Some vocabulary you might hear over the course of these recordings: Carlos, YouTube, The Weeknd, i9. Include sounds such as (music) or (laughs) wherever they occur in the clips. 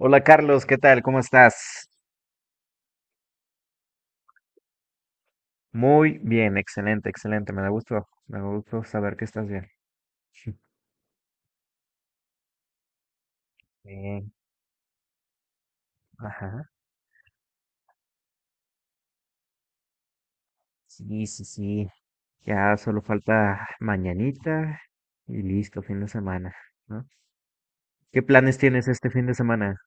Hola Carlos, ¿qué tal? ¿Cómo estás? Muy bien, excelente, excelente. Me da gusto saber que estás bien. (laughs) Bien, ajá. Sí, sí, sí. Ya solo falta mañanita y listo, fin de semana, ¿no? ¿Qué planes tienes este fin de semana?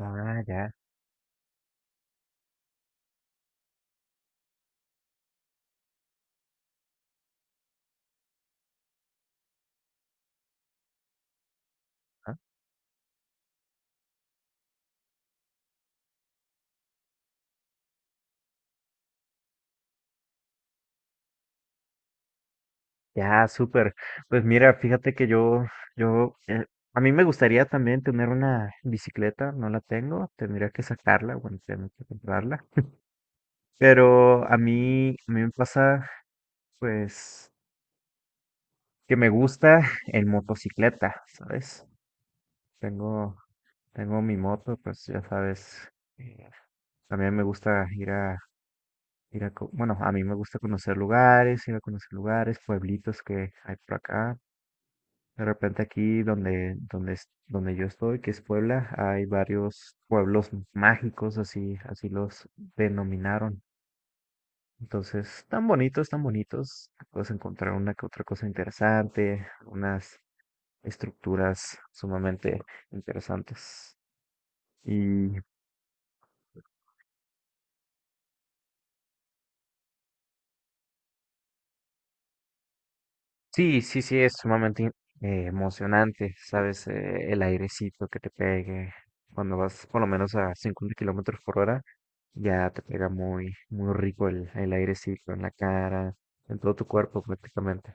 Ah, ya, ah, ya, súper. Pues mira, fíjate que yo, yo, eh, a mí me gustaría también tener una bicicleta, no la tengo, tendría que sacarla, bueno, tengo que comprarla. Pero a mí me pasa. Pues que me gusta en motocicleta, ¿sabes? Tengo, tengo mi moto, pues ya sabes, eh, también me gusta ir a, bueno, a mí me gusta conocer lugares, ir a conocer lugares, pueblitos que hay por acá. De repente aquí donde yo estoy, que es Puebla, hay varios pueblos mágicos, así, así los denominaron. Entonces, tan bonitos, tan bonitos. Puedes encontrar una que otra cosa interesante, unas estructuras sumamente interesantes. Y sí, sí, sí, es sumamente emocionante, ¿sabes? El airecito que te pegue cuando vas por lo menos a 50 kilómetros por hora, ya te pega muy, muy rico el airecito en la cara, en todo tu cuerpo prácticamente,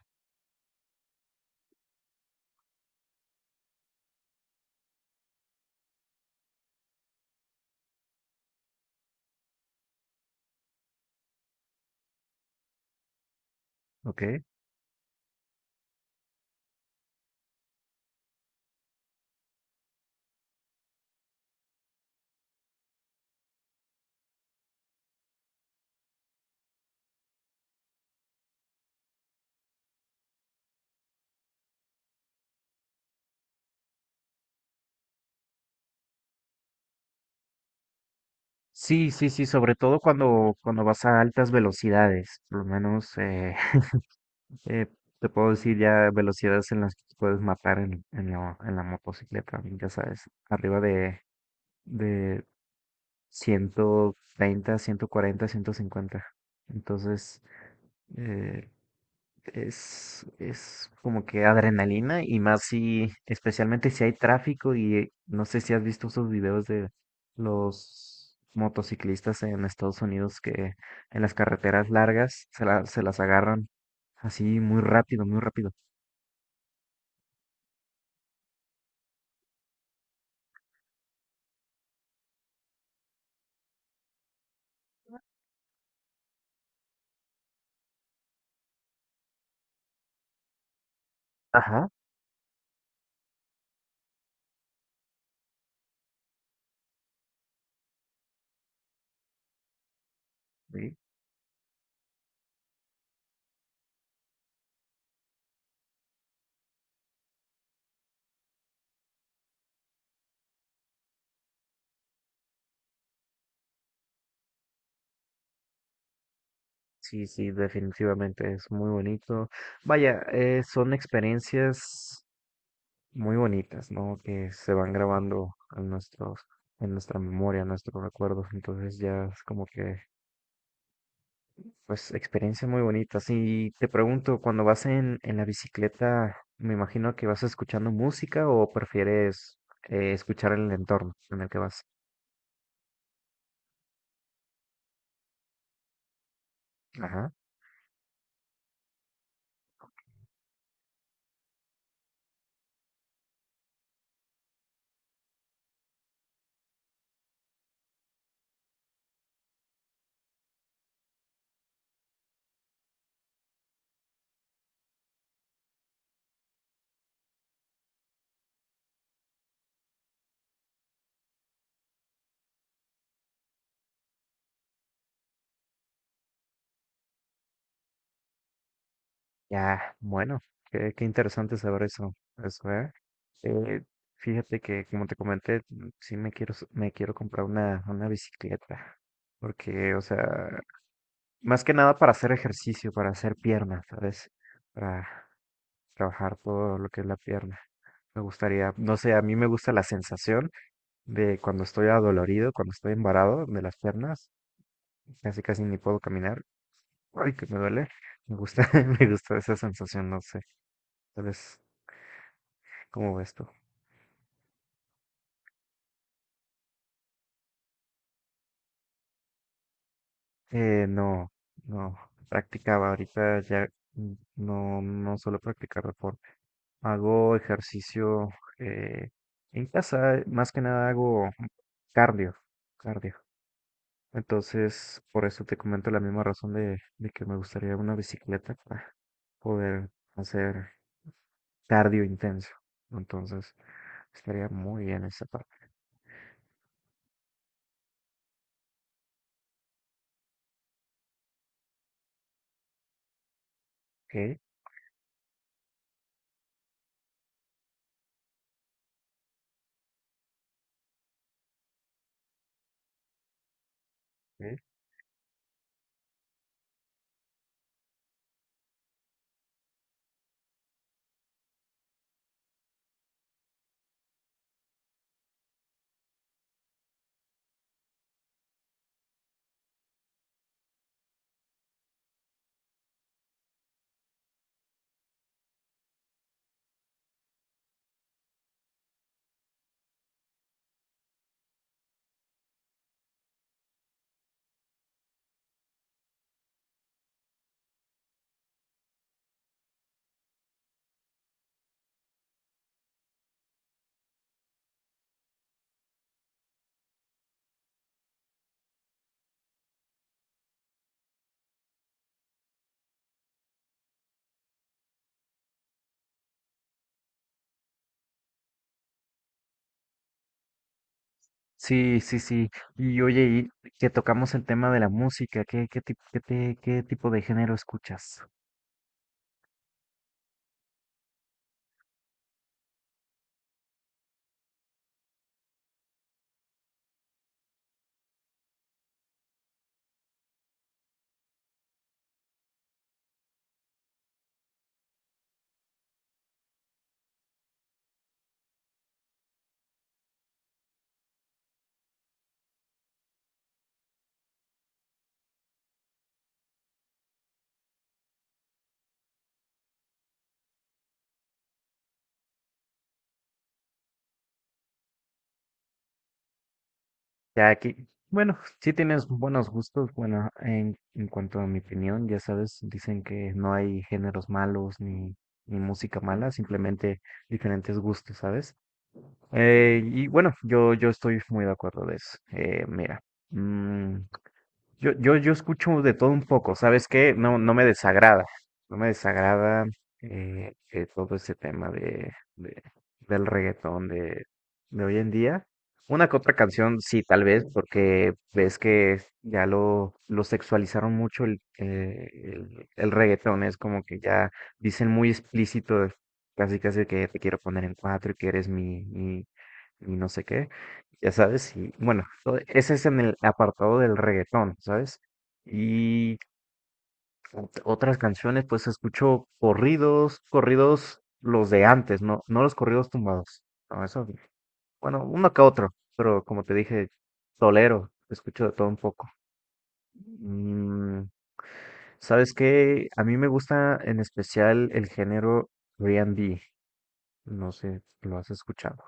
¿ok? Sí, sí, sí, sobre todo cuando, cuando vas a altas velocidades, por lo menos Eh, te puedo decir ya velocidades en las que te puedes matar en la motocicleta, ya sabes, arriba de ciento ciento treinta ciento cuarenta ciento cincuenta. Entonces, eh, es como que adrenalina y más si, especialmente si hay tráfico y no sé si has visto esos videos de los motociclistas en Estados Unidos que en las carreteras largas se las agarran así muy rápido, muy rápido. Ajá. Sí, sí, sí, definitivamente es muy bonito. Vaya, son experiencias muy bonitas, ¿no? Que se van grabando en nuestros, en nuestra memoria, en nuestros recuerdos. Entonces ya es como que, pues, experiencias muy bonitas. Y te pregunto, cuando vas en la bicicleta, me imagino que vas escuchando música o prefieres escuchar el entorno en el que vas. Ajá. Ya, bueno, qué, qué interesante saber eso, eso, ¿eh? Eh, Fíjate que, como te comenté, sí me quiero, s- me quiero comprar una bicicleta, porque, o sea, más que nada para hacer ejercicio, para hacer piernas, ¿sabes? Para trabajar todo lo que es la pierna. Me gustaría, no sé, a mí me gusta la sensación de cuando estoy adolorido, cuando estoy embarado de las piernas, casi casi ni puedo caminar, ay, que me duele. Me gusta, (laughs) me gusta esa sensación, no sé, tal vez ¿cómo ves tú? No, no, practicaba ahorita ya no, no suelo practicar deporte. Hago ejercicio eh, en casa, más que nada hago cardio, cardio. Entonces, por eso te comento la misma razón de que me gustaría una bicicleta para poder hacer cardio intenso. Entonces, estaría muy bien esa parte. Ok, ok. Sí, sí, sí. Y oye, y que tocamos el tema de la música, ¿ qué tipo de género escuchas? Ya aquí, bueno, sí tienes buenos gustos, bueno, en cuanto a mi opinión, ya sabes, dicen que no hay géneros malos ni, ni música mala, simplemente diferentes gustos, ¿sabes? Y bueno, yo estoy muy de acuerdo de eso. Mira, mm, yo escucho de todo un poco, ¿sabes qué? No, no me desagrada, no me desagrada todo ese tema del reggaetón de hoy en día. Una que otra canción, sí, tal vez, porque ves que ya lo sexualizaron mucho el reggaetón, es como que ya dicen muy explícito, casi casi que te quiero poner en cuatro y que eres mi, mi, y no sé qué, ya sabes, y bueno, todo- ese es en el apartado del reggaetón, ¿sabes? Y ot- otras canciones, pues escucho corridos, corridos los de antes, no, no los corridos tumbados. No, eso, bueno, uno que otro, pero como te dije, tolero, escucho de todo un poco. Mm, ¿sabes qué? A mí me gusta en especial el género R&B, no sé, lo has escuchado.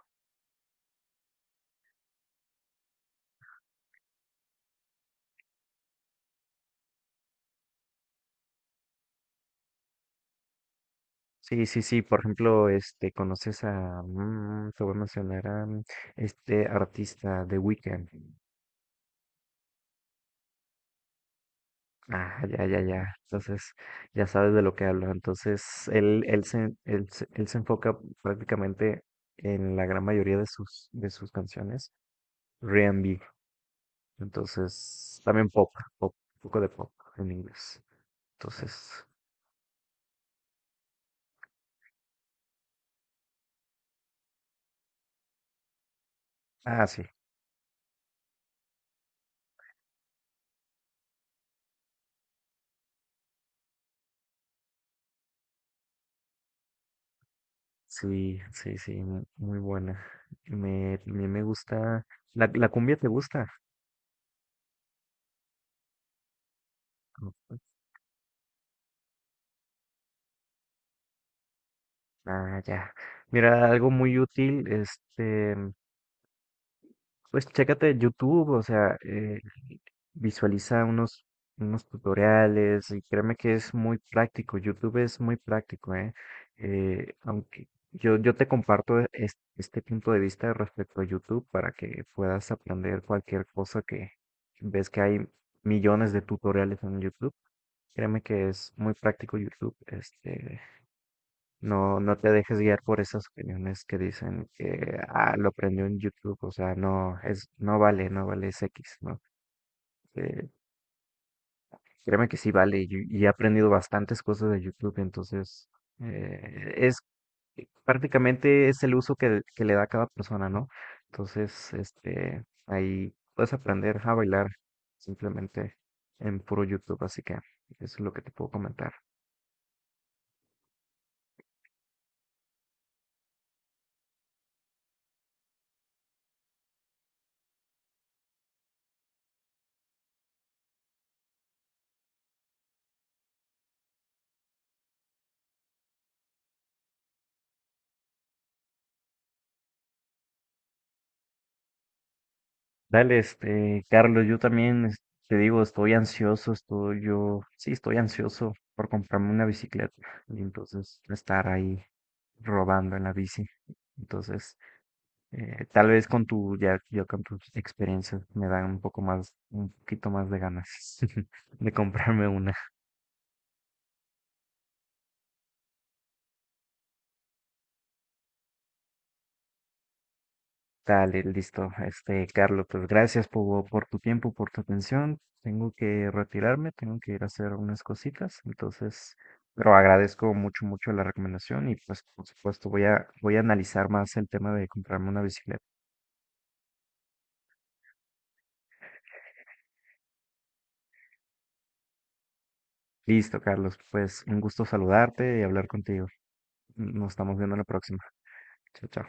Sí, sí, sí, por ejemplo, este, conoces a, mm, te voy a mencionar a mm, este artista The Weeknd. Ah, ya, ya, ya. Entonces, ya sabes de lo que hablo. Entonces, él se enfoca prácticamente en la gran mayoría de sus canciones, R&B. Entonces, también pop, pop, un poco de pop en inglés. Entonces, ah, sí, sí, sí, sí, mu- muy buena. Me, también me gusta. ¿La, la cumbia te gusta? Ujú. Ah, ya. Mira, algo muy útil, este, pues chécate YouTube, o sea, visualiza unos, unos tutoriales y créeme que es muy práctico, YouTube es muy práctico, ¿eh? Aunque yo, yo te comparto este, punto de vista respecto a YouTube para que puedas aprender cualquier cosa que ves que hay millones de tutoriales en YouTube. Créeme que es muy práctico YouTube, este, no, no te dejes guiar por esas opiniones que dicen que ah, lo aprendió en YouTube, o sea, no, es, no vale, no vale, es X, ¿no? Eh, Créeme que sí vale, y he aprendido bastantes cosas de YouTube, entonces es prácticamente es el uso que le da cada persona, ¿no? Entonces, este, ahí puedes aprender a bailar simplemente en puro YouTube, así que eso es lo que te puedo comentar. Dale, este, Carlos, yo también te digo, estoy ansioso, estoy yo, sí, estoy ansioso por comprarme una bicicleta y entonces estar ahí robando en la bici. Entonces, tal vez con tu, ya, yo con tus experiencias me dan un poco más, un poquito más de ganas (laughs) de comprarme una. Dale, listo. Este, Carlos, pues gracias por tu tiempo, por tu atención. Tengo que retirarme, tengo que ir a hacer unas cositas, entonces, pero agradezco mucho, mucho la recomendación y pues, por supuesto, voy a, voy a analizar más el tema de comprarme una bicicleta. Listo, Carlos, pues un gusto saludarte y hablar contigo. Nos estamos viendo la próxima. Chao, chao.